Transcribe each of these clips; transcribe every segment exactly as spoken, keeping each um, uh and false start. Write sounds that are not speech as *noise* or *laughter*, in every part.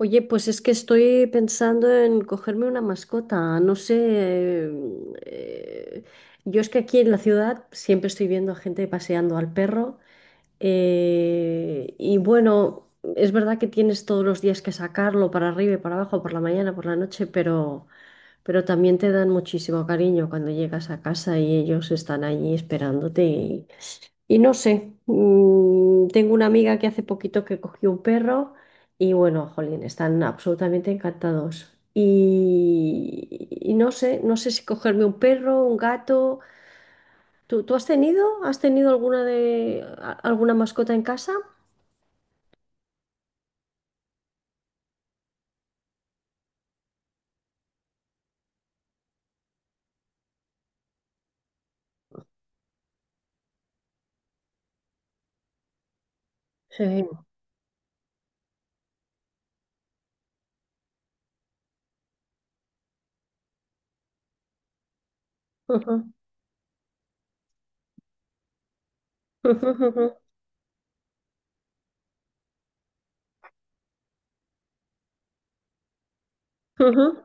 Oye, pues es que estoy pensando en cogerme una mascota. No sé, mm, eh, yo es que aquí en la ciudad siempre estoy viendo a gente paseando al perro. Eh, y bueno, es verdad que tienes todos los días que sacarlo para arriba y para abajo, por la mañana, por la noche, pero, pero también te dan muchísimo cariño cuando llegas a casa y ellos están allí esperándote. Y no sé, mm, tengo una amiga que hace poquito que cogió un perro y bueno, jolín, están absolutamente encantados. Y, y no sé, no sé si cogerme un perro, un gato. ¿Tú, tú has tenido? ¿Has tenido alguna de a- alguna mascota en casa? Sí. *laughs* Ujú. ujú, ujú, Ujú.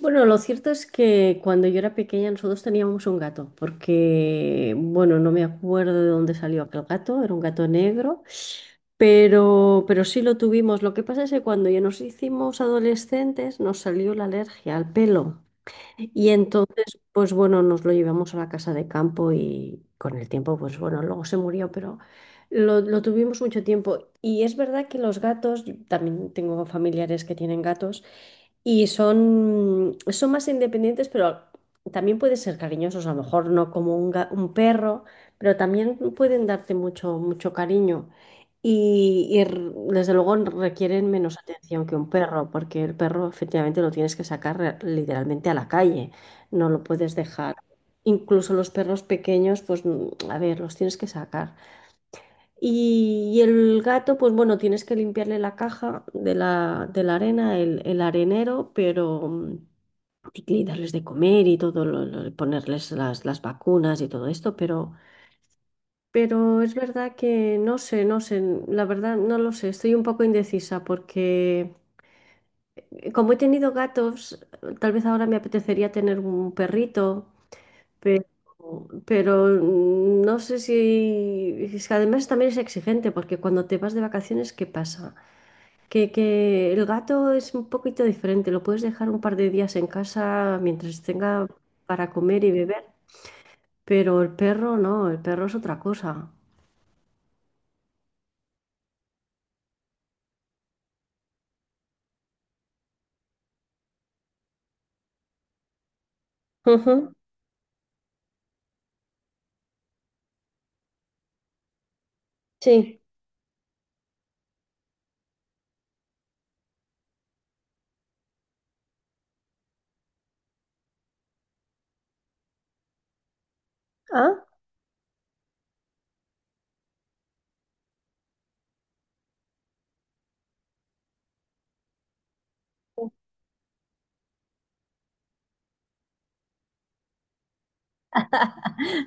Bueno, lo cierto es que cuando yo era pequeña nosotros teníamos un gato, porque, bueno, no me acuerdo de dónde salió aquel gato, era un gato negro, pero, pero sí lo tuvimos. Lo que pasa es que cuando ya nos hicimos adolescentes nos salió la alergia al pelo y entonces, pues bueno, nos lo llevamos a la casa de campo y con el tiempo, pues bueno, luego se murió, pero... Lo, lo tuvimos mucho tiempo y es verdad que los gatos, yo también tengo familiares que tienen gatos, y son, son más independientes, pero también pueden ser cariñosos, a lo mejor no como un, ga- un perro, pero también pueden darte mucho, mucho cariño. Y, y r- Desde luego requieren menos atención que un perro, porque el perro efectivamente lo tienes que sacar re- literalmente a la calle, no lo puedes dejar. Incluso los perros pequeños, pues mm, a ver, los tienes que sacar. Y, y el gato, pues bueno, tienes que limpiarle la caja de la, de la arena, el, el arenero, pero mm, y que darles de comer y todo, lo- lo- ponerles las, las vacunas y todo esto, pero, pero es verdad que no sé, no sé, la verdad no lo sé, estoy un poco indecisa porque eh, como he tenido gatos, tal vez ahora me apetecería tener un perrito, pero... Pero mm, no sé si... Es que además también es exigente, porque cuando te vas de vacaciones, ¿qué pasa? Que, que el gato es un poquito diferente, lo puedes dejar un par de días en casa mientras tenga para comer y beber, pero el perro no, el perro es otra cosa. Ujú. Sí. Ah,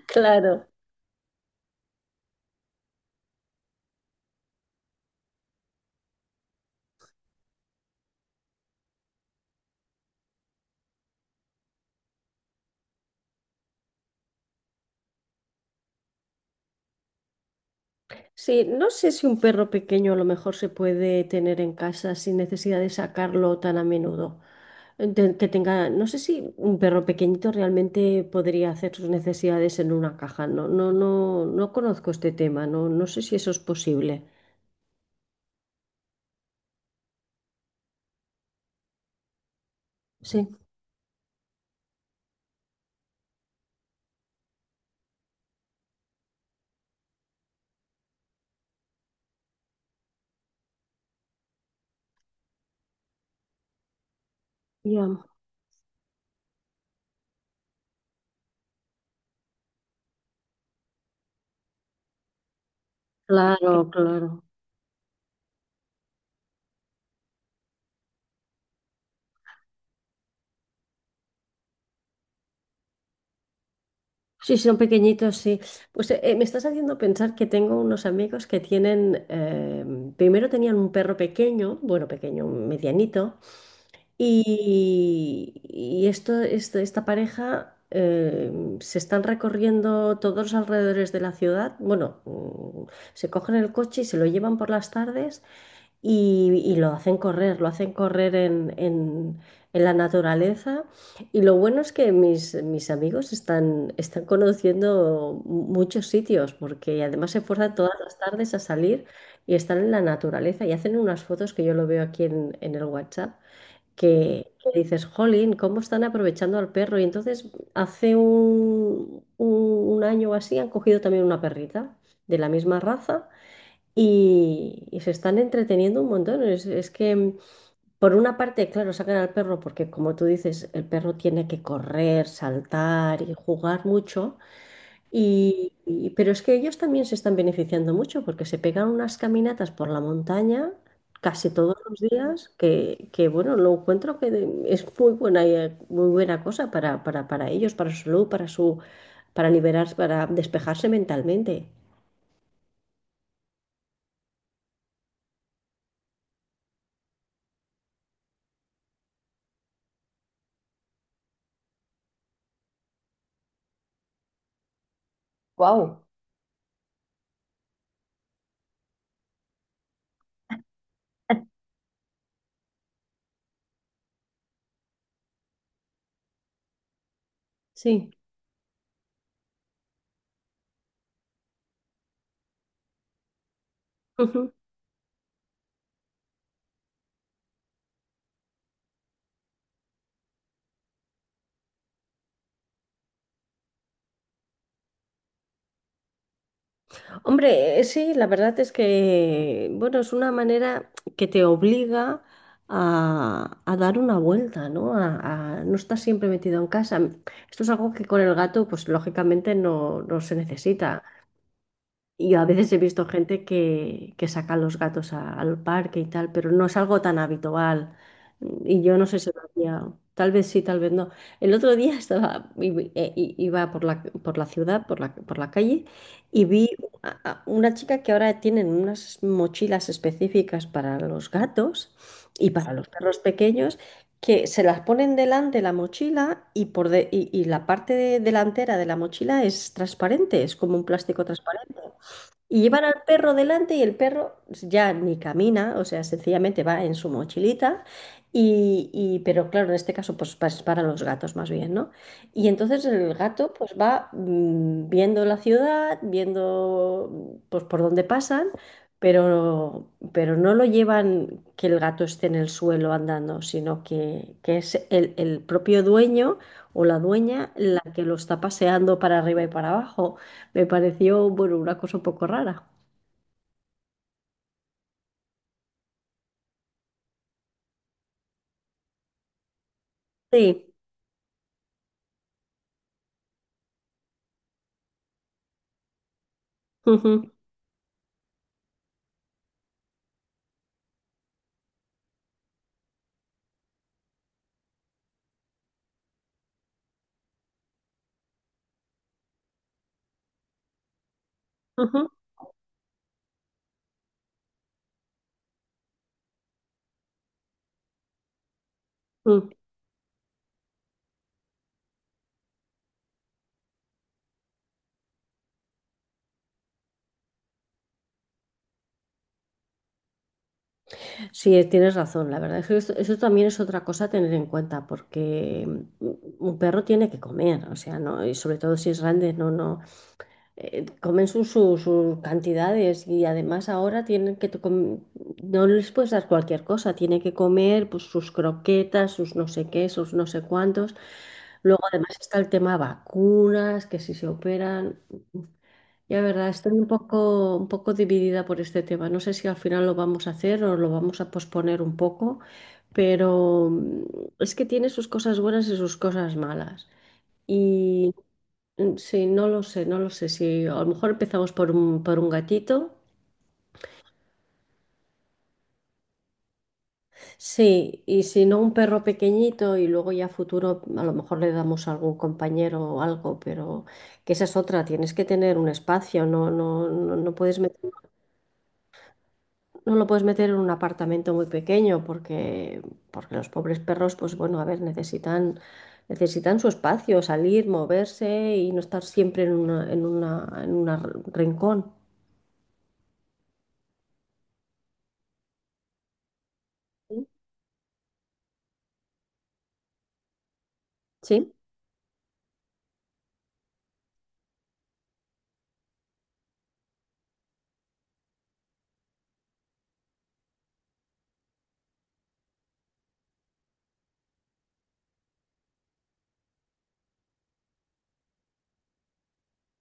claro. Sí, no sé si un perro pequeño a lo mejor se puede tener en casa sin necesidad de sacarlo tan a menudo. De- que tenga, no sé si un perro pequeñito realmente podría hacer sus necesidades en una caja. No, no, no, no conozco este tema, no, no sé si eso es posible. Sí. Ya. Claro, claro. Sí, sí, son pequeñitos, sí. Pues eh, me estás haciendo pensar que tengo unos amigos que tienen, eh, primero tenían un perro pequeño, bueno, pequeño, medianito. Y, y esto, esto- esta pareja eh, se están recorriendo todos los alrededores de la ciudad. Bueno, mm, se cogen el coche y se lo llevan por las tardes y, y lo hacen correr, lo hacen correr en, en- en la naturaleza. Y lo bueno es que mis, mis amigos están, están conociendo muchos sitios porque además se esfuerzan todas las tardes a salir y están en la naturaleza y hacen unas fotos que yo lo veo aquí en en el WhatsApp que, que dices, jolín, ¿cómo están aprovechando al perro? Y entonces hace un, un- un año o así han cogido también una perrita de la misma raza y, y se están entreteniendo un montón. Es, es que mm, por una parte, claro, sacan al perro porque como tú dices, el perro tiene que correr, saltar y jugar mucho. Y, y- pero es que ellos también se están beneficiando mucho porque se pegan unas caminatas por la montaña casi todos los días, que, que, bueno, lo encuentro que de- es muy buena, eh, muy buena cosa para, para, para ellos, para su salud, para su, para liberarse, para despejarse mentalmente. Wow. Sí. *laughs* Hombre, eh, sí, la verdad es que, bueno, es una manera que te obliga a, a dar una vuelta, ¿no? A, a no estar siempre metido en casa. Esto es algo que con el gato, pues lógicamente no, no se necesita. Y a veces he visto gente que, que saca los gatos a- al parque y tal, pero no es algo tan habitual. Y yo no sé si lo hacía. Tal vez sí, tal vez no. El otro día *laughs* estaba, i- i- eh, i- iba por la, por la ciudad, por la, por la calle, y vi a- a una chica que ahora tienen unas mochilas específicas para los gatos y para los perros pequeños, que se las ponen delante la mochila y, por de- y, y la parte de- delantera de la mochila es transparente, es como un plástico transparente. Y llevan al perro delante y el perro ya ni camina, o sea, sencillamente va en su mochilita. Y, y- pero claro, en este caso, pues pa- es para los gatos más bien, ¿no? Y entonces el gato pues va mm, viendo la ciudad, viendo pues por dónde pasan, pero, pero no lo llevan que el gato esté en el suelo andando, sino que, que es el el propio dueño o la dueña la que lo está paseando para arriba y para abajo. Me pareció, bueno, una cosa un poco rara. Sí. Ujú, ujú, Ujú. Sí, es- tienes razón. La verdad es que eso, eso también es otra cosa a tener en cuenta, porque mm, un perro tiene que comer, o sea, no, y sobre todo si es grande, no, no, eh, comen sus sus- sus cantidades y además ahora tienen que, to- com- no les puedes dar cualquier cosa, tiene que comer pues, sus croquetas, sus no sé qué, sus no sé cuántos. Luego además está el tema vacunas, que si se operan. Ya, verdad, estoy un poco, un poco dividida por este tema. No sé si al final lo vamos a hacer o lo vamos a posponer un poco, pero mm, es que tiene sus cosas buenas y sus cosas malas. Y mm, sí, no lo sé, no lo sé. Si a lo mejor empezamos por un, por un gatito, sí, y si no un perro pequeñito y luego ya a futuro a lo mejor le damos a algún compañero o algo, pero que esa es otra, tienes que tener un espacio, no, no, no, no puedes meter. No lo puedes meter en un apartamento muy pequeño porque, porque los pobres perros, pues bueno, a ver, necesitan, necesitan su espacio, salir, moverse y no estar siempre en una, en una, en una r- rincón. ¿Sí?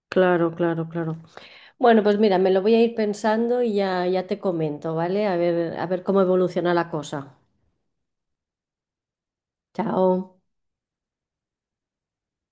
Claro, claro, claro. Bueno, pues mira, me lo voy a ir pensando y ya, ya te comento, ¿vale? A ver, a ver cómo evoluciona la cosa. Chao.